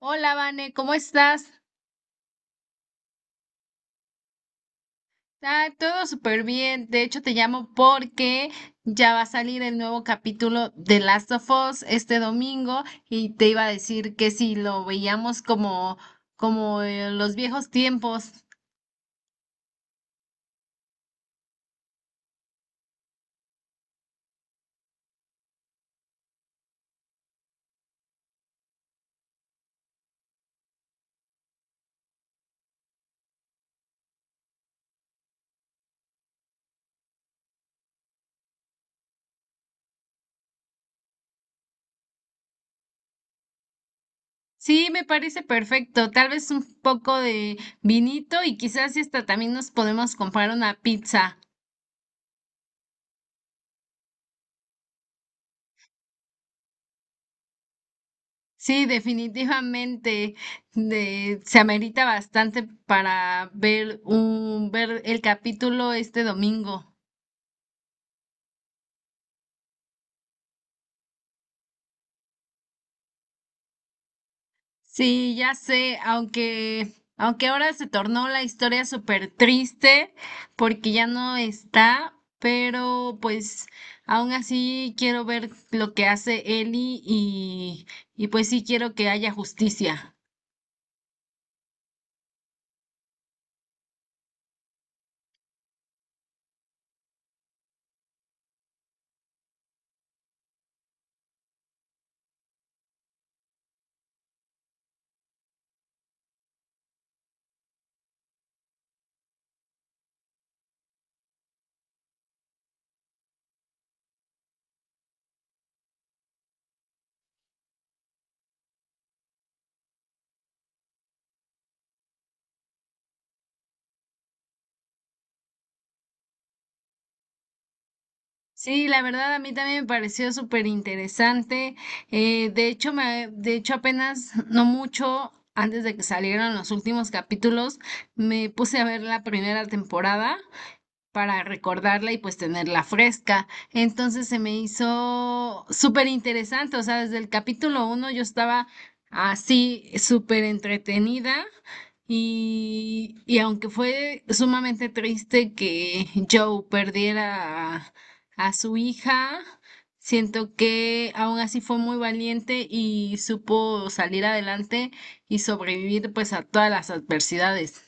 Hola, Vane, ¿cómo estás? Ah, todo súper bien. De hecho, te llamo porque ya va a salir el nuevo capítulo de Last of Us este domingo y te iba a decir que si lo veíamos como en los viejos tiempos. Sí, me parece perfecto. Tal vez un poco de vinito y quizás y hasta también nos podemos comprar una pizza. Sí, definitivamente se amerita bastante para ver un ver el capítulo este domingo. Sí, ya sé, aunque ahora se tornó la historia súper triste porque ya no está, pero pues aún así quiero ver lo que hace Ellie y pues sí quiero que haya justicia. Sí, la verdad a mí también me pareció súper interesante. De hecho, de hecho apenas no mucho antes de que salieran los últimos capítulos, me puse a ver la primera temporada para recordarla y pues tenerla fresca. Entonces se me hizo súper interesante, o sea, desde el capítulo uno yo estaba así súper entretenida y aunque fue sumamente triste que Joe perdiera a su hija, siento que aún así fue muy valiente y supo salir adelante y sobrevivir pues a todas las adversidades.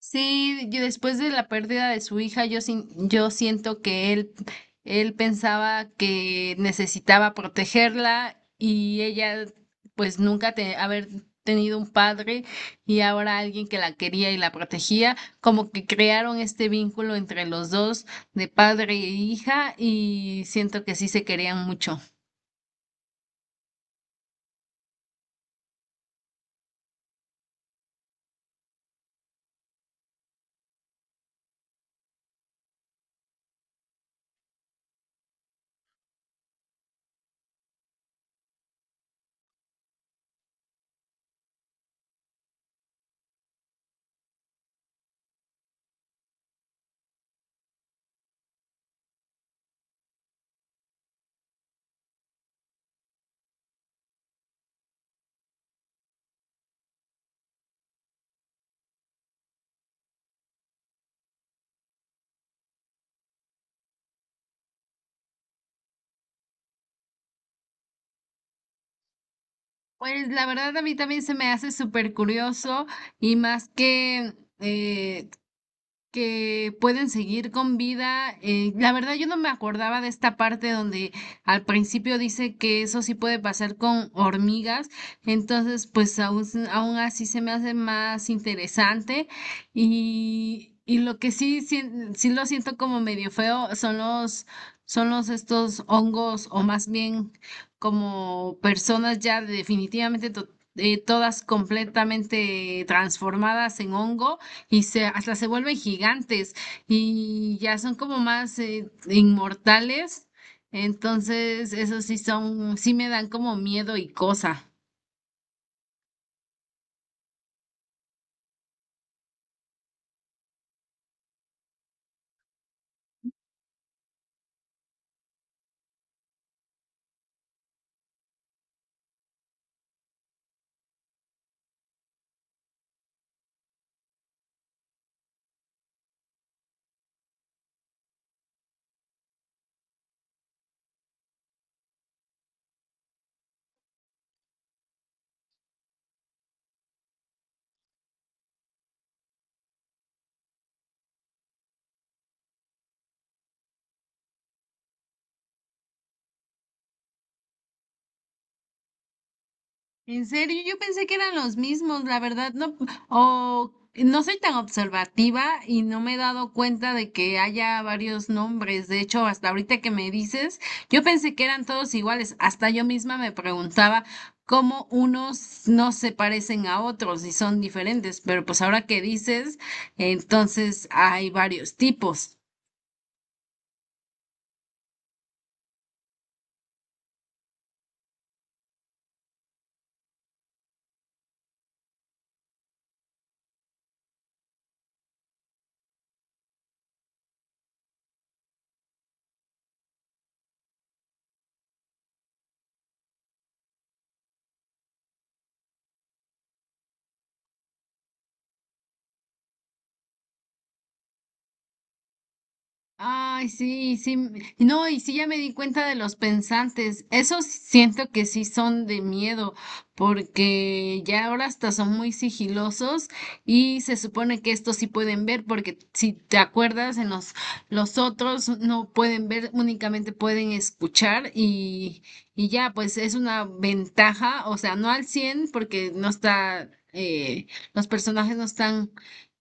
Sí, y después de la pérdida de su hija, yo, sin- yo siento que él pensaba que necesitaba protegerla y ella pues nunca haber tenido un padre y ahora alguien que la quería y la protegía, como que crearon este vínculo entre los dos de padre e hija y siento que sí se querían mucho. Pues la verdad a mí también se me hace súper curioso y más eh, que pueden seguir con vida. La verdad, yo no me acordaba de esta parte donde al principio dice que eso sí puede pasar con hormigas, entonces pues aún así se me hace más interesante y lo que sí lo siento como medio feo son los estos hongos o más bien como personas ya definitivamente todas completamente transformadas en hongo y hasta se vuelven gigantes y ya son como más inmortales. Entonces, eso sí sí me dan como miedo y cosa. En serio, yo pensé que eran los mismos, la verdad, no, o no soy tan observativa y no me he dado cuenta de que haya varios nombres. De hecho, hasta ahorita que me dices, yo pensé que eran todos iguales. Hasta yo misma me preguntaba cómo unos no se parecen a otros y son diferentes, pero pues ahora que dices, entonces hay varios tipos. Ay, sí, sí. No, y sí ya me di cuenta de los pensantes. Esos siento que sí son de miedo, porque ya ahora hasta son muy sigilosos y se supone que estos sí pueden ver, porque si te acuerdas, en los otros no pueden ver, únicamente pueden escuchar y ya, pues es una ventaja, o sea, no al 100 porque no está, los personajes no están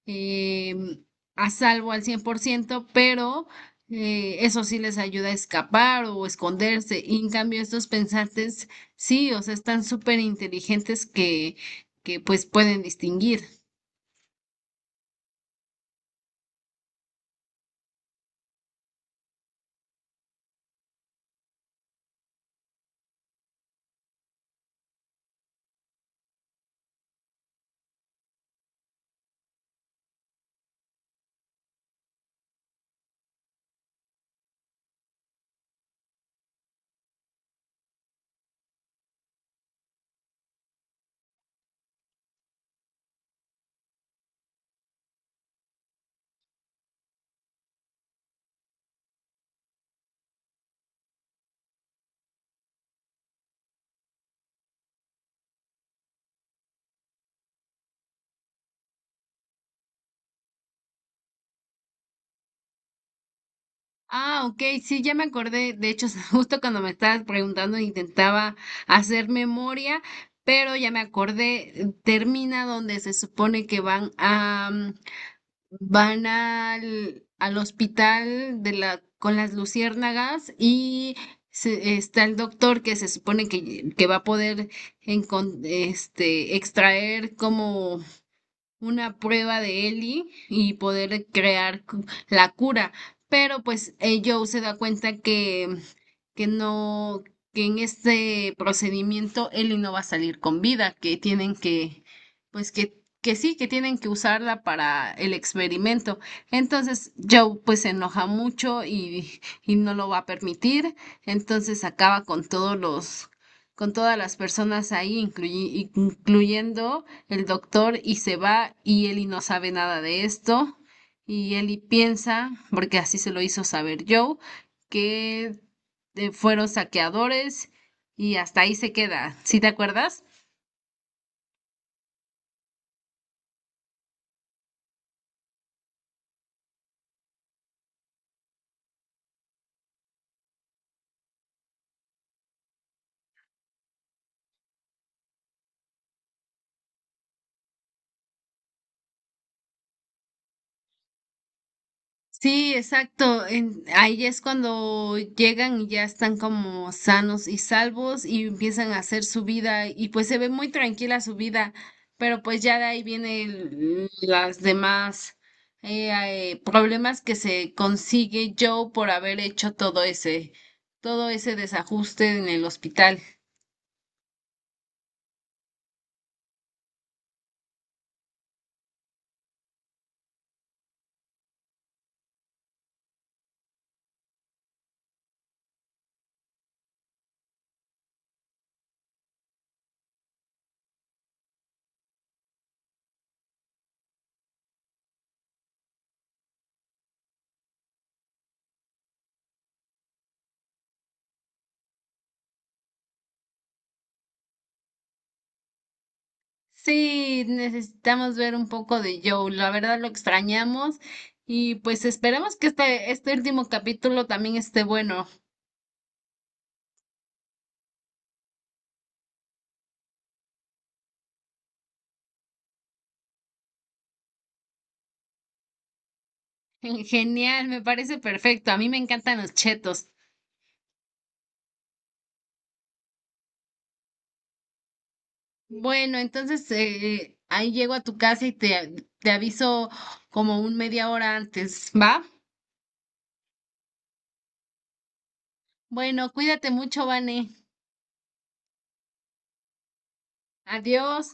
em, a salvo al 100%, pero eso sí les ayuda a escapar o esconderse. Y en cambio estos pensantes, sí, o sea, están súper inteligentes que pues pueden distinguir. Ah, ok, sí, ya me acordé. De hecho, justo cuando me estabas preguntando, intentaba hacer memoria, pero ya me acordé, termina donde se supone que van al hospital con las luciérnagas y está el doctor que se supone que va a poder extraer como una prueba de Ellie y poder crear la cura. Pero pues Joe se da cuenta que no, que en este procedimiento Ellie no va a salir con vida, que tienen que, pues que sí, que tienen que usarla para el experimento. Entonces Joe pues se enoja mucho y no lo va a permitir. Entonces acaba con con todas las personas ahí, incluyendo el doctor y se va y Ellie no sabe nada de esto y Ellie piensa, porque así se lo hizo saber Joe, que fueron saqueadores y hasta ahí se queda. ¿Sí te acuerdas? Sí, exacto. Ahí es cuando llegan y ya están como sanos y salvos y empiezan a hacer su vida y pues se ve muy tranquila su vida, pero pues ya de ahí vienen las demás problemas que se consigue Joe por haber hecho todo ese desajuste en el hospital. Sí, necesitamos ver un poco de Joe. La verdad lo extrañamos y pues esperemos que este último capítulo también esté bueno. Genial, me parece perfecto. A mí me encantan los chetos. Bueno, entonces ahí llego a tu casa y te aviso como un media hora antes, ¿va? Bueno, cuídate mucho, Vane. Adiós.